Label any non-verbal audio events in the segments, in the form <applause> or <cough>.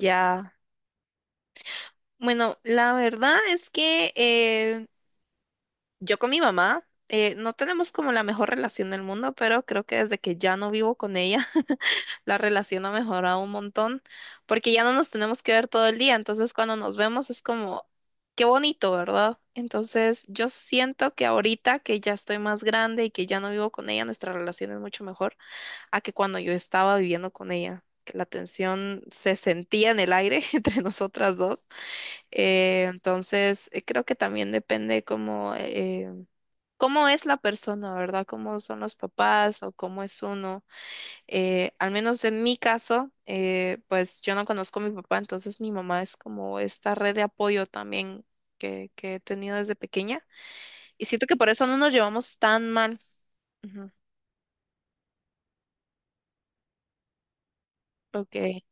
Ya. Bueno, la verdad es que yo con mi mamá no tenemos como la mejor relación del mundo, pero creo que desde que ya no vivo con ella, <laughs> la relación ha mejorado un montón, porque ya no nos tenemos que ver todo el día, entonces cuando nos vemos es como, qué bonito, ¿verdad? Entonces yo siento que ahorita que ya estoy más grande y que ya no vivo con ella, nuestra relación es mucho mejor a que cuando yo estaba viviendo con ella, que la tensión se sentía en el aire <laughs> entre nosotras dos. Entonces, creo que también depende cómo, cómo es la persona, ¿verdad? Cómo son los papás o cómo es uno. Al menos en mi caso, pues yo no conozco a mi papá, entonces mi mamá es como esta red de apoyo también que he tenido desde pequeña. Y siento que por eso no nos llevamos tan mal. Ujú. Ok.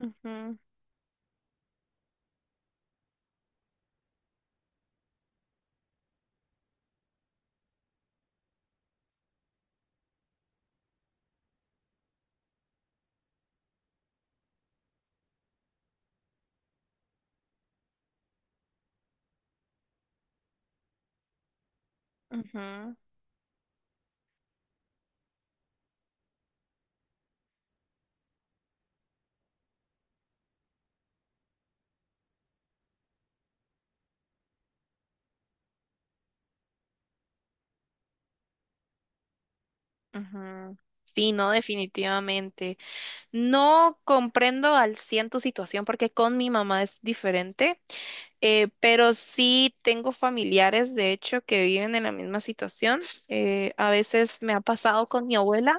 Ujú, ujú. Ujú. Sí, no, definitivamente. No comprendo al 100 tu situación porque con mi mamá es diferente, pero sí tengo familiares, de hecho, que viven en la misma situación. A veces me ha pasado con mi abuela,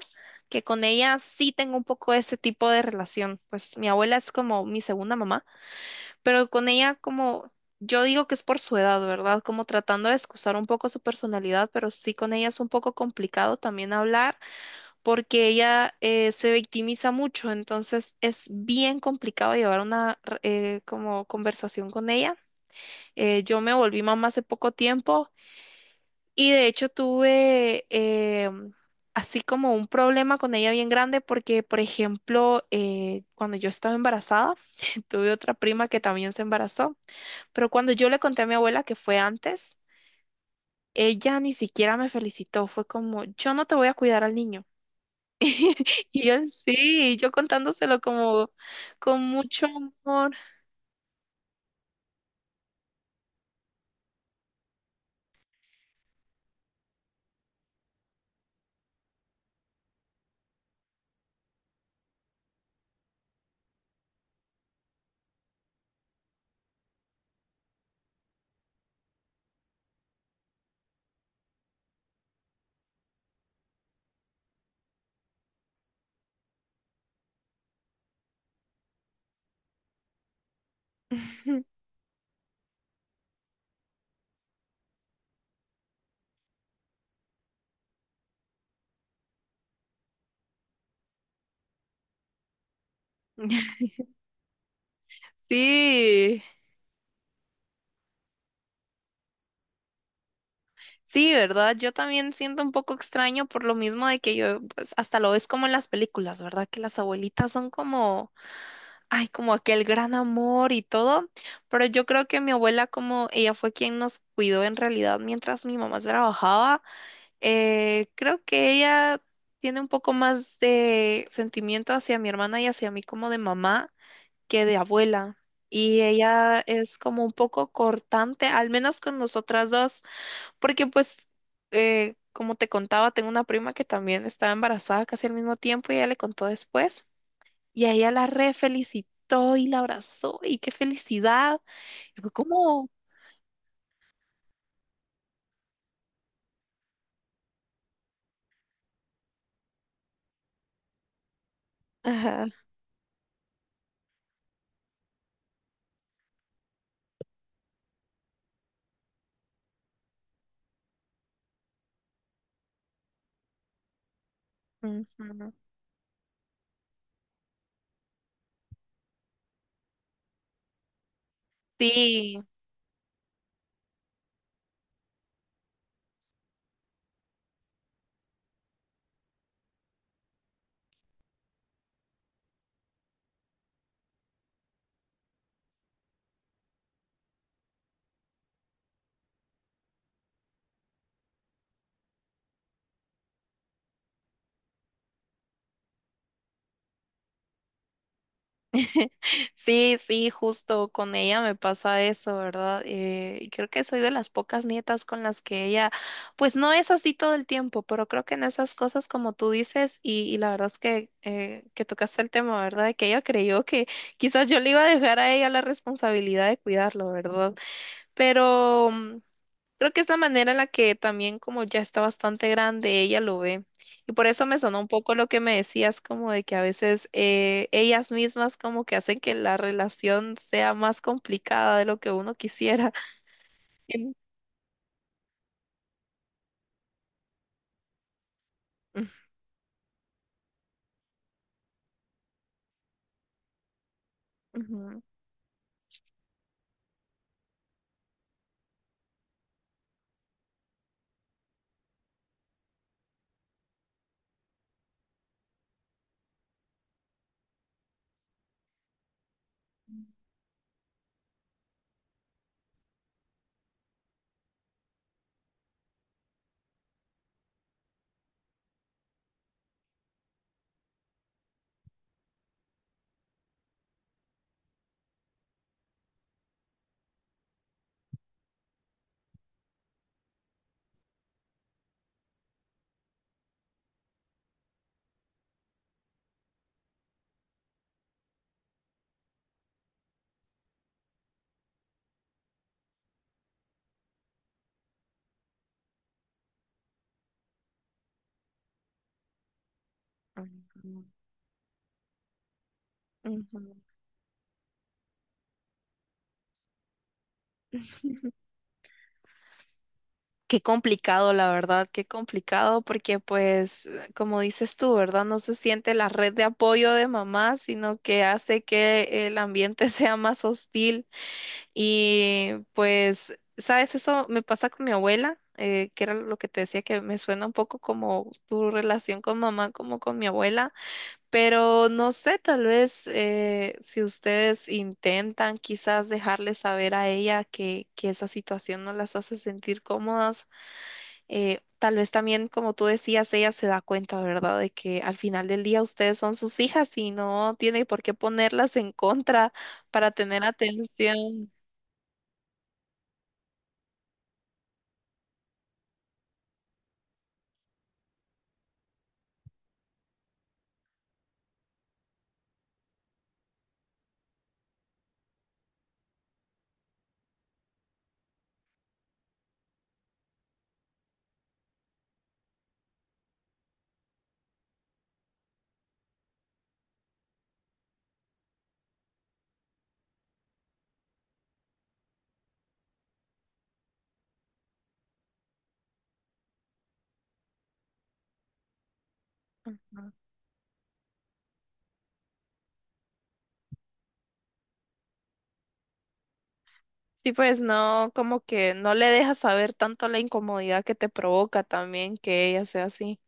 que con ella sí tengo un poco ese tipo de relación. Pues mi abuela es como mi segunda mamá, pero con ella como... Yo digo que es por su edad, ¿verdad? Como tratando de excusar un poco su personalidad, pero sí con ella es un poco complicado también hablar porque ella se victimiza mucho, entonces es bien complicado llevar una como conversación con ella. Yo me volví mamá hace poco tiempo y de hecho tuve así como un problema con ella bien grande porque, por ejemplo, cuando yo estaba embarazada, <laughs> tuve otra prima que también se embarazó, pero cuando yo le conté a mi abuela que fue antes, ella ni siquiera me felicitó, fue como, yo no te voy a cuidar al niño. <laughs> Y él sí, y yo contándoselo como con mucho amor. <laughs> Sí, sí, ¿verdad? Yo también siento un poco extraño por lo mismo de que yo, pues hasta lo ves como en las películas, ¿verdad? Que las abuelitas son como, ay, como aquel gran amor y todo, pero yo creo que mi abuela como ella fue quien nos cuidó en realidad mientras mi mamá trabajaba, creo que ella tiene un poco más de sentimiento hacia mi hermana y hacia mí como de mamá. Que de abuela. Y ella es como un poco cortante, al menos con nosotras dos, porque pues, como te contaba, tengo una prima que también estaba embarazada casi al mismo tiempo y ella le contó después. Y a ella la re felicitó y la abrazó y qué felicidad. Y fue como. Ajá. Ujú. Sí. Sí, sí, justo con ella me pasa eso, ¿verdad? Y creo que soy de las pocas nietas con las que ella, pues no es así todo el tiempo, pero creo que en esas cosas, como tú dices, y la verdad es que tocaste el tema, ¿verdad? De que ella creyó que quizás yo le iba a dejar a ella la responsabilidad de cuidarlo, ¿verdad? Pero... mm, Creo que es la manera en la que también como ya está bastante grande, ella lo ve. Y por eso me sonó un poco lo que me decías, como de que a veces ellas mismas como que hacen que la relación sea más complicada de lo que uno quisiera. <laughs> Em, ujú, ujú, ujú. Qué complicado, la verdad, qué complicado, porque pues, como dices tú, ¿verdad? No se siente la red de apoyo de mamá, sino que hace que el ambiente <laughs> sea más hostil. Y pues, ¿sabes? Eso me pasa con mi abuela, que era lo que te decía que me suena un poco como tu relación con mamá, como con mi abuela, pero no sé, tal vez si ustedes intentan quizás dejarle saber a ella que esa situación no las hace sentir cómodas, tal vez también, como tú decías, ella se da cuenta, ¿verdad? De que al final del día ustedes son sus hijas y no tiene por qué ponerlas en contra para tener atención. Ujú. Sí, pues no, como que no le dejas saber tanto la incomodidad que te provoca también que ella sea así.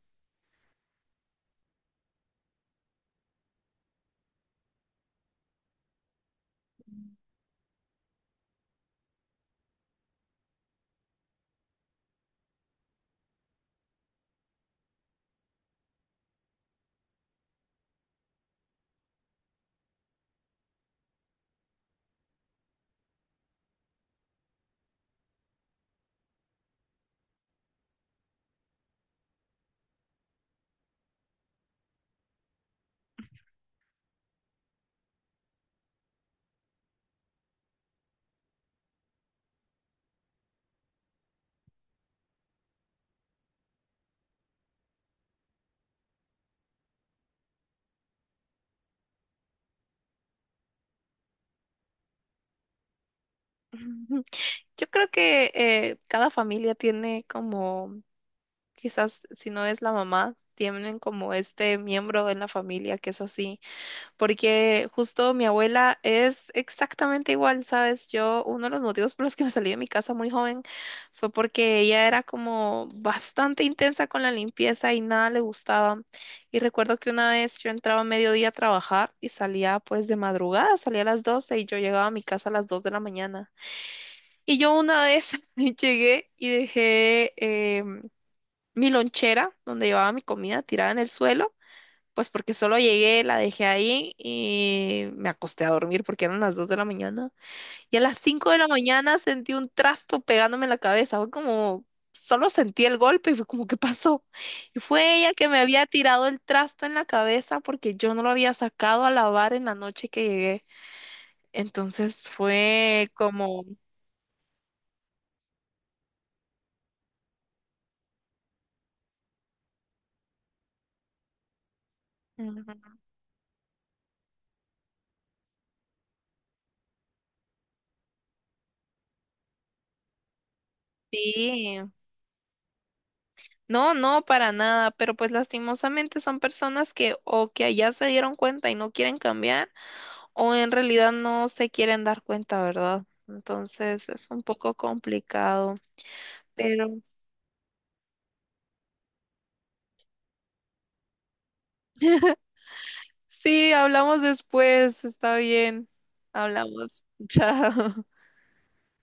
<laughs> Ujú. Yo creo que cada familia tiene como, quizás si no es la mamá, tienen como este miembro en la familia que es así. Porque justo mi abuela es exactamente igual, ¿sabes? Yo, uno de los motivos por los que me salí de mi casa muy joven fue porque ella era como bastante intensa con la limpieza y nada le gustaba. Y recuerdo que una vez yo entraba a mediodía a trabajar y salía pues de madrugada, salía a las 12 y yo llegaba a mi casa a las 2 de la mañana. Y yo una vez <laughs> llegué y dejé em, mi lonchera donde llevaba mi comida tirada en el suelo. Pues porque solo llegué, la dejé ahí y me acosté a dormir porque eran las 2 de la mañana. Y a las 5 de la mañana sentí un trasto pegándome en la cabeza. Fue como, solo sentí el golpe y fue como, ¿qué pasó? Y fue ella que me había tirado el trasto en la cabeza porque yo no lo había sacado a lavar en la noche que llegué. Entonces fue como, Ujú. Sí. No, no, para nada, pero pues lastimosamente son personas que o que allá se dieron cuenta y no quieren cambiar o en realidad no se quieren dar cuenta, ¿verdad? Entonces es un poco complicado, pero sí, hablamos después, está bien, hablamos, <laughs> chao.